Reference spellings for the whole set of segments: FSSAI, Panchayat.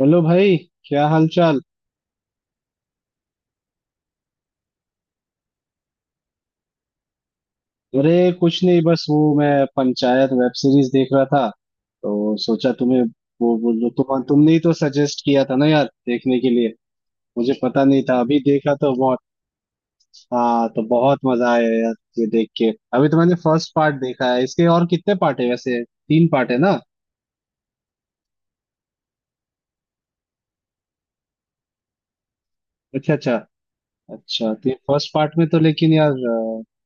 Hello भाई। क्या हाल चाल। अरे कुछ नहीं, बस वो मैं पंचायत वेब सीरीज देख रहा था तो सोचा तुम्हें, वो- तुम तुमने ही तो सजेस्ट किया था ना यार देखने के लिए। मुझे पता नहीं था, अभी देखा तो बहुत। हाँ तो बहुत मजा आया यार ये देख के। अभी तो मैंने फर्स्ट पार्ट देखा है इसके, और कितने पार्ट है वैसे? तीन पार्ट है ना? अच्छा अच्छा। अच्छा तो फर्स्ट पार्ट में तो लेकिन यार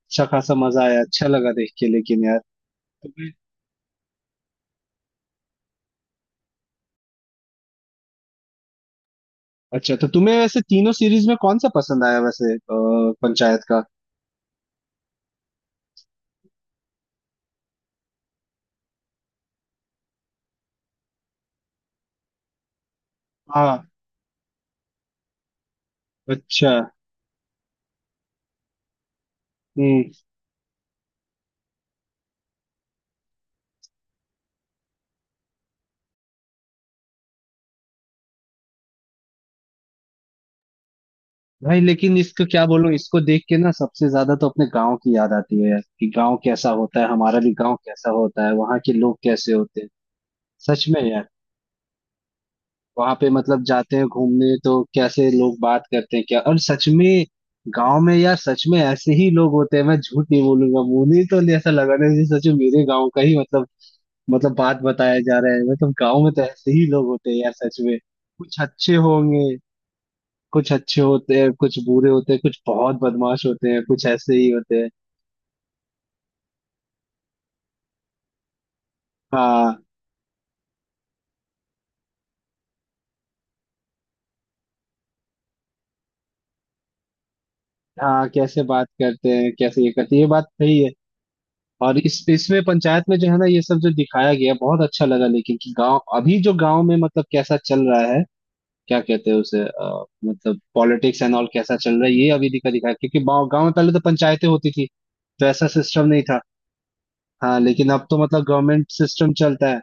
अच्छा खासा मजा आया, अच्छा लगा देख के लेकिन यार। अच्छा तो तुम्हें वैसे तीनों सीरीज में कौन सा पसंद आया वैसे पंचायत का? हाँ। अच्छा। हम्म। भाई लेकिन इसको क्या बोलूं, इसको देख के ना सबसे ज्यादा तो अपने गांव की याद आती है यार कि गांव कैसा होता है, हमारा भी गांव कैसा होता है, वहाँ के लोग कैसे होते हैं। सच में यार। वहाँ पे मतलब जाते हैं घूमने तो कैसे लोग बात करते हैं क्या, और सच में गांव में यार सच में ऐसे ही लोग होते हैं। मैं झूठ नहीं बोलूंगा, मुझे तो ऐसा लगा ना जैसे सच में मेरे गांव का ही मतलब, मतलब बात बताया जा रहा है। मतलब गांव में तो ऐसे ही लोग होते हैं यार, सच में। कुछ अच्छे होंगे। कुछ अच्छे होते हैं, कुछ बुरे होते हैं, कुछ बहुत बदमाश होते हैं, कुछ ऐसे ही होते हैं। हाँ, हाँ कैसे बात करते हैं, कैसे ये करते हैं, ये बात सही है। और इस इसमें पंचायत में जो है ना, ये सब जो दिखाया गया बहुत अच्छा लगा, लेकिन कि गांव अभी जो गांव में मतलब कैसा चल रहा है, क्या कहते हैं उसे मतलब पॉलिटिक्स एंड ऑल कैसा चल रहा है ये अभी दिखाया, क्योंकि गांव गांव में पहले तो पंचायतें होती थी। तो ऐसा सिस्टम नहीं था। हाँ लेकिन अब तो मतलब गवर्नमेंट सिस्टम चलता है।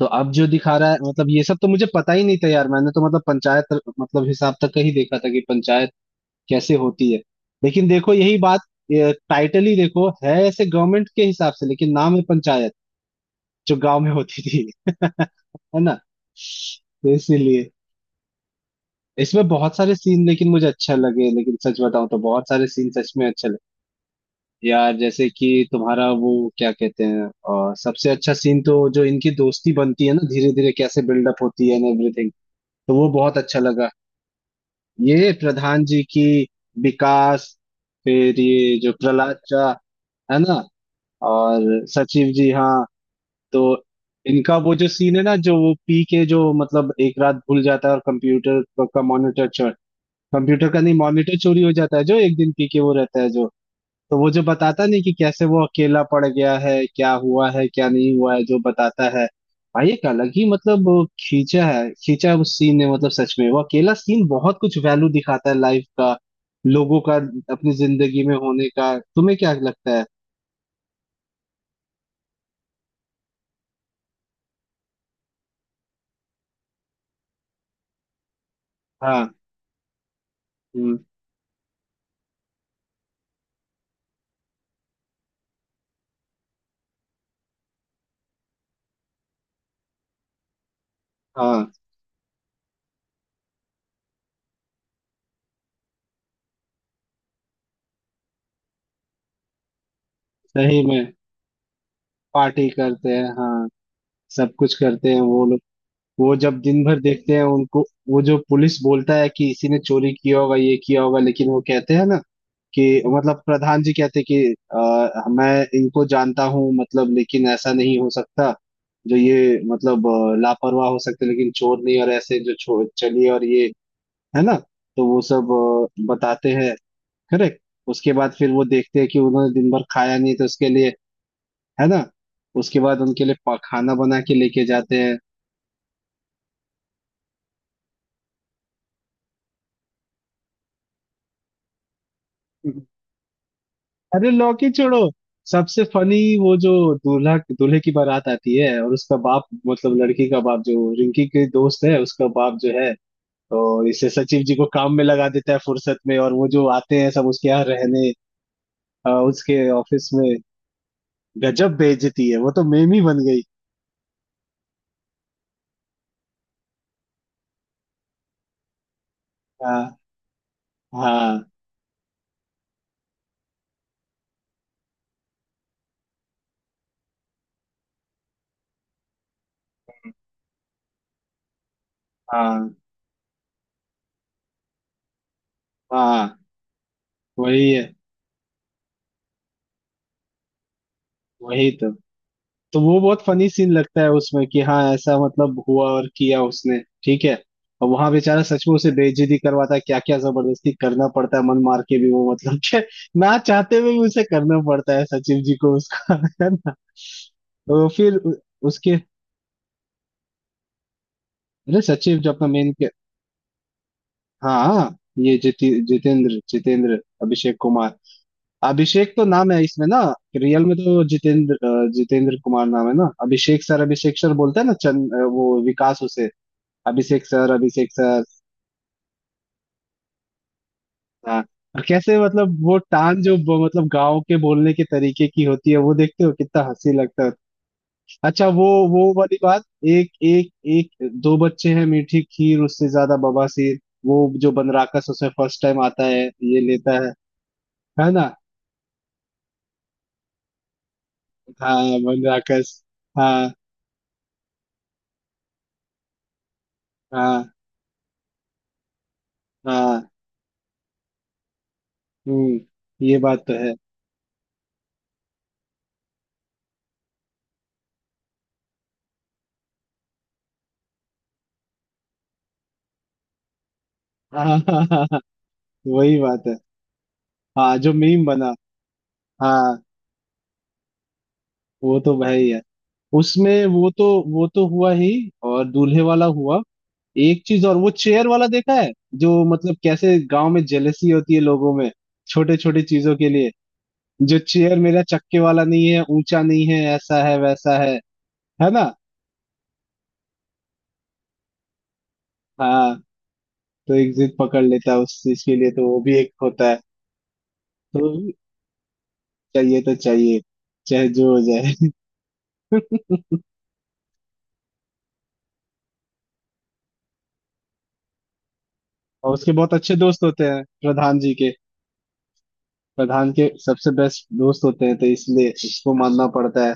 तो अब जो दिखा रहा है मतलब ये सब तो मुझे पता ही नहीं था यार। मैंने तो मतलब पंचायत मतलब हिसाब तक का ही देखा था कि पंचायत कैसे होती है। लेकिन देखो यही बात, टाइटल ही देखो है ऐसे गवर्नमेंट के हिसाब से लेकिन नाम है पंचायत जो गांव में होती थी। है ना? तो इसीलिए इसमें बहुत सारे सीन लेकिन मुझे अच्छा लगे, लेकिन सच बताऊं तो बहुत सारे सीन सच में अच्छे लगे। यार जैसे कि तुम्हारा वो, क्या कहते हैं सबसे अच्छा सीन तो जो इनकी दोस्ती बनती है ना धीरे धीरे, कैसे बिल्डअप होती है एंड एवरीथिंग, तो वो बहुत अच्छा लगा। ये प्रधान जी की, विकास, फिर ये जो प्रहलाद चा है ना, और सचिव जी। हाँ। तो इनका वो जो सीन है ना, जो वो पी के जो मतलब एक रात भूल जाता है और कंप्यूटर का मॉनिटर चोर, कंप्यूटर का नहीं मॉनिटर चोरी हो जाता है जो एक दिन पी के वो रहता है जो। तो वो जो बताता नहीं कि कैसे वो अकेला पड़ गया है, क्या हुआ है, क्या नहीं हुआ है, जो बताता है। भाई एक अलग ही मतलब वो खींचा है उस सीन ने, मतलब सच में वो अकेला सीन बहुत कुछ वैल्यू दिखाता है लाइफ का, लोगों का, अपनी जिंदगी में होने का। तुम्हें क्या लगता है? हाँ। हम्म। हाँ सही में पार्टी करते हैं, हाँ सब कुछ करते हैं वो लोग। वो जब दिन भर देखते हैं उनको, वो जो पुलिस बोलता है कि इसी ने चोरी किया होगा, ये किया होगा, लेकिन वो कहते हैं ना कि मतलब प्रधान जी कहते कि मैं इनको जानता हूँ मतलब, लेकिन ऐसा नहीं हो सकता, जो ये मतलब लापरवाह हो सकते लेकिन चोर नहीं, और ऐसे जो चोर चलिए, और ये है ना, तो वो सब बताते हैं। करेक्ट। उसके बाद फिर वो देखते हैं कि उन्होंने दिन भर खाया नहीं, तो उसके लिए है ना, उसके बाद उनके लिए खाना बना के लेके जाते हैं। अरे लौकी छोड़ो, सबसे फनी वो जो दूल्हा दूल्हे की बारात आती है और उसका बाप मतलब लड़की का बाप जो रिंकी के दोस्त है उसका बाप जो है, तो इसे सचिव जी को काम में लगा देता है फुर्सत में, और वो जो आते हैं सब उसके यहाँ रहने उसके ऑफिस में। गजब बेइज्जती है, वो तो मेम ही बन गई। हाँ हाँ हाँ हाँ। वही है, वही तो। तो वो बहुत फनी सीन लगता है उसमें कि हाँ ऐसा मतलब हुआ और किया उसने। ठीक है। और वहां बेचारा सच में उसे बेइज्जती करवाता है, क्या क्या जबरदस्ती करना पड़ता है, मन मार के भी वो मतलब कि ना चाहते हुए भी उसे करना पड़ता है सचिव जी को, उसका। है ना? तो फिर उसके, अरे सचिव जो अपना मेन के, हाँ। ये जिति जितेंद्र जितेंद्र अभिषेक कुमार। अभिषेक तो नाम है इसमें ना, रियल में तो जितेंद्र जितेंद्र कुमार नाम है ना। अभिषेक सर, अभिषेक सर बोलता है ना, चंद वो विकास उसे अभिषेक सर, अभिषेक सर। हाँ। और कैसे मतलब वो टान जो मतलब गांव के बोलने के तरीके की होती है वो, देखते हो कितना हंसी लगता है। अच्छा वो वाली बात, एक एक एक दो बच्चे हैं मीठी खीर उससे ज्यादा बवासीर, वो जो बनराकस उसमें फर्स्ट टाइम आता है ये लेता है ना? हाँ बनराकस। हाँ हाँ हाँ। हम्म। ये बात तो है। हाँ, हाँ हाँ हाँ। वही बात है। हाँ जो मीम बना। हाँ। वो तो भाई यार, उसमें वो तो, वो तो हुआ ही और दूल्हे वाला हुआ। एक चीज और, वो चेयर वाला देखा है जो, मतलब कैसे गांव में जेलसी होती है लोगों में छोटे छोटे चीजों के लिए, जो चेयर मेरा चक्के वाला नहीं है, ऊंचा नहीं है, ऐसा है वैसा है ना? हाँ तो एक जिद पकड़ लेता है उस चीज के लिए, तो वो भी एक होता है। तो चाहिए तो चाहिए, चाहे जो हो जाए। और उसके बहुत अच्छे दोस्त होते हैं प्रधान जी के, प्रधान के सबसे बेस्ट दोस्त होते हैं तो इसलिए उसको मानना पड़ता है।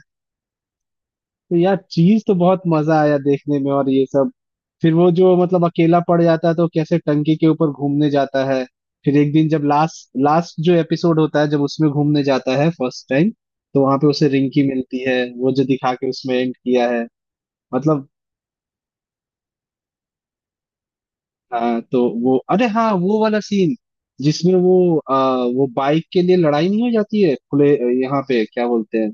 तो यार चीज तो बहुत मजा आया देखने में, और ये सब। फिर वो जो मतलब अकेला पड़ जाता है तो कैसे टंकी के ऊपर घूमने जाता है। फिर एक दिन जब लास्ट लास्ट जो एपिसोड होता है, जब उसमें घूमने जाता है फर्स्ट टाइम तो वहां पे उसे रिंकी मिलती है, वो जो दिखा के उसमें एंड किया है, मतलब। हाँ तो वो, अरे हाँ वो वाला सीन जिसमें वो वो बाइक के लिए लड़ाई नहीं हो जाती है खुले, यहाँ पे क्या बोलते हैं?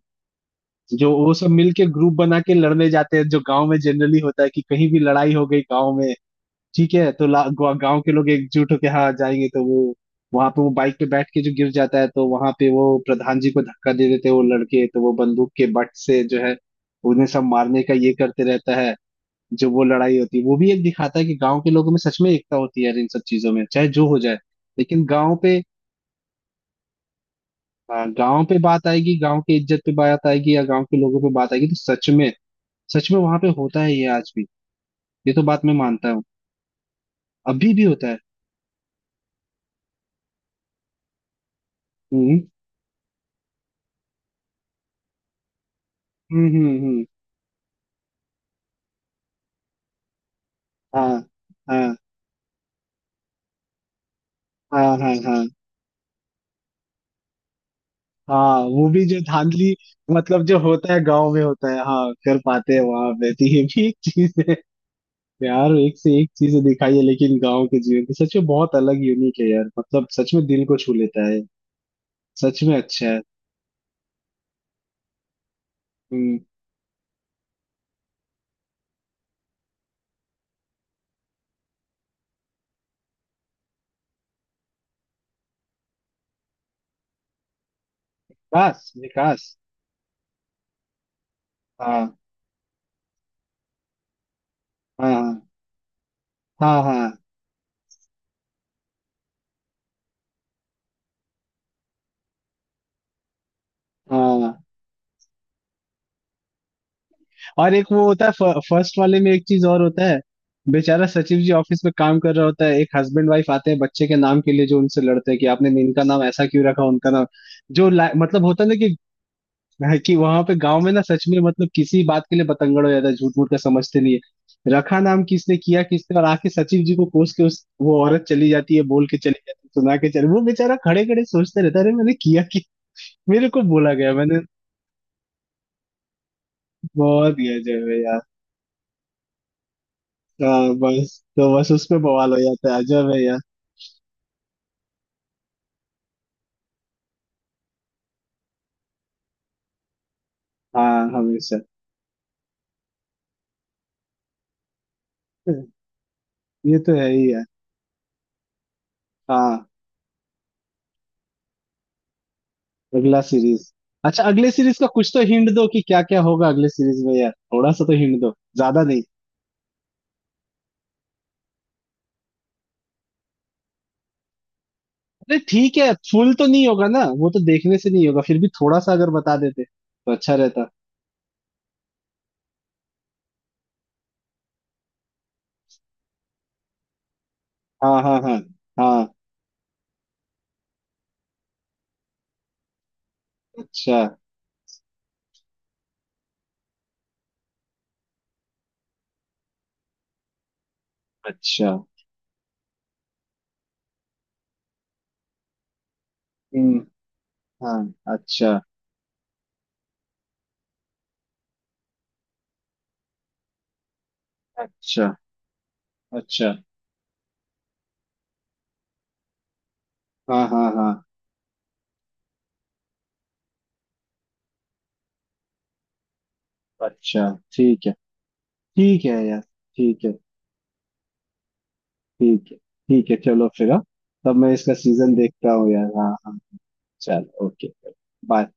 जो वो सब मिलके ग्रुप बना के लड़ने जाते हैं, जो गांव में जनरली होता है कि कहीं भी लड़ाई हो गई गांव में ठीक है तो गांव के लोग एकजुट होके हाँ जाएंगे, तो वो वहां पे वो बाइक पे बैठ के जो गिर जाता है तो वहां पे वो प्रधान जी को धक्का दे देते हैं वो लड़के, तो वो बंदूक के बट से जो है उन्हें सब मारने का ये करते रहता है। जो वो लड़ाई होती है वो भी एक दिखाता है कि गांव के लोगों में सच में एकता होती है यार इन सब चीजों में, चाहे जो हो जाए, लेकिन गांव पे, हाँ, गांव पे बात आएगी, गांव की इज्जत पे बात आएगी या गांव के लोगों पे बात आएगी तो सच में, सच में वहां पे होता है ये आज भी। ये तो बात मैं मानता हूँ। अभी भी होता है। हम्म हम्म। हाँ, हाँ, हाँ, हाँ, हाँ, हाँ, हाँ, वो भी जो धांधली मतलब जो होता है गांव में होता है हाँ कर पाते हैं वहां पे, तो ये भी एक चीज है। यार एक से एक चीजें दिखाई है लेकिन गांव के जीवन की, सच में बहुत अलग यूनिक है यार, मतलब सच में दिल को छू लेता है। सच में अच्छा है। हम्म, विकास विकास। हाँ हाँ हाँ हाँ हाँ। और एक वो होता है फर्स्ट वाले में, एक चीज और होता है, बेचारा सचिव जी ऑफिस में काम कर रहा होता है, एक हस्बैंड वाइफ आते हैं बच्चे के नाम के लिए जो उनसे लड़ते हैं कि आपने इनका नाम ऐसा क्यों रखा उनका नाम, जो मतलब होता है ना कि वहां पे गांव में ना सच में मतलब किसी बात के लिए बतंगड़ हो जाता है झूठ मूठ का, समझते नहीं है, रखा नाम किसने किया किसने, और आके सचिव जी को कोस के उस वो औरत चली जाती है, बोल के चली जाती है, सुना के चले, वो बेचारा खड़े खड़े सोचते रहता है अरे मैंने किया कि मेरे को बोला गया मैंने। बहुत गया जय। हाँ बस तो बस उसमें बवाल हो जाता है, अजब है यार। हाँ हमेशा। ये तो है ही यार। हाँ। अगला सीरीज? अच्छा अगले सीरीज का कुछ तो हिंट दो कि क्या क्या होगा अगले सीरीज में यार, थोड़ा सा तो हिंट दो, ज्यादा नहीं। अरे ठीक है, फुल तो नहीं होगा ना वो तो देखने से नहीं होगा, फिर भी थोड़ा सा अगर बता देते तो अच्छा रहता। हाँ हाँ हाँ हाँ। अच्छा अच्छा। हम्म। हाँ। अच्छा अच्छा अच्छा। हाँ हाँ हाँ। अच्छा। ठीक है ठीक है यार। ठीक है ठीक है ठीक है चलो फिर हाँ। तब मैं इसका सीजन देखता हूँ यार। हाँ हाँ। चलो ओके बाय।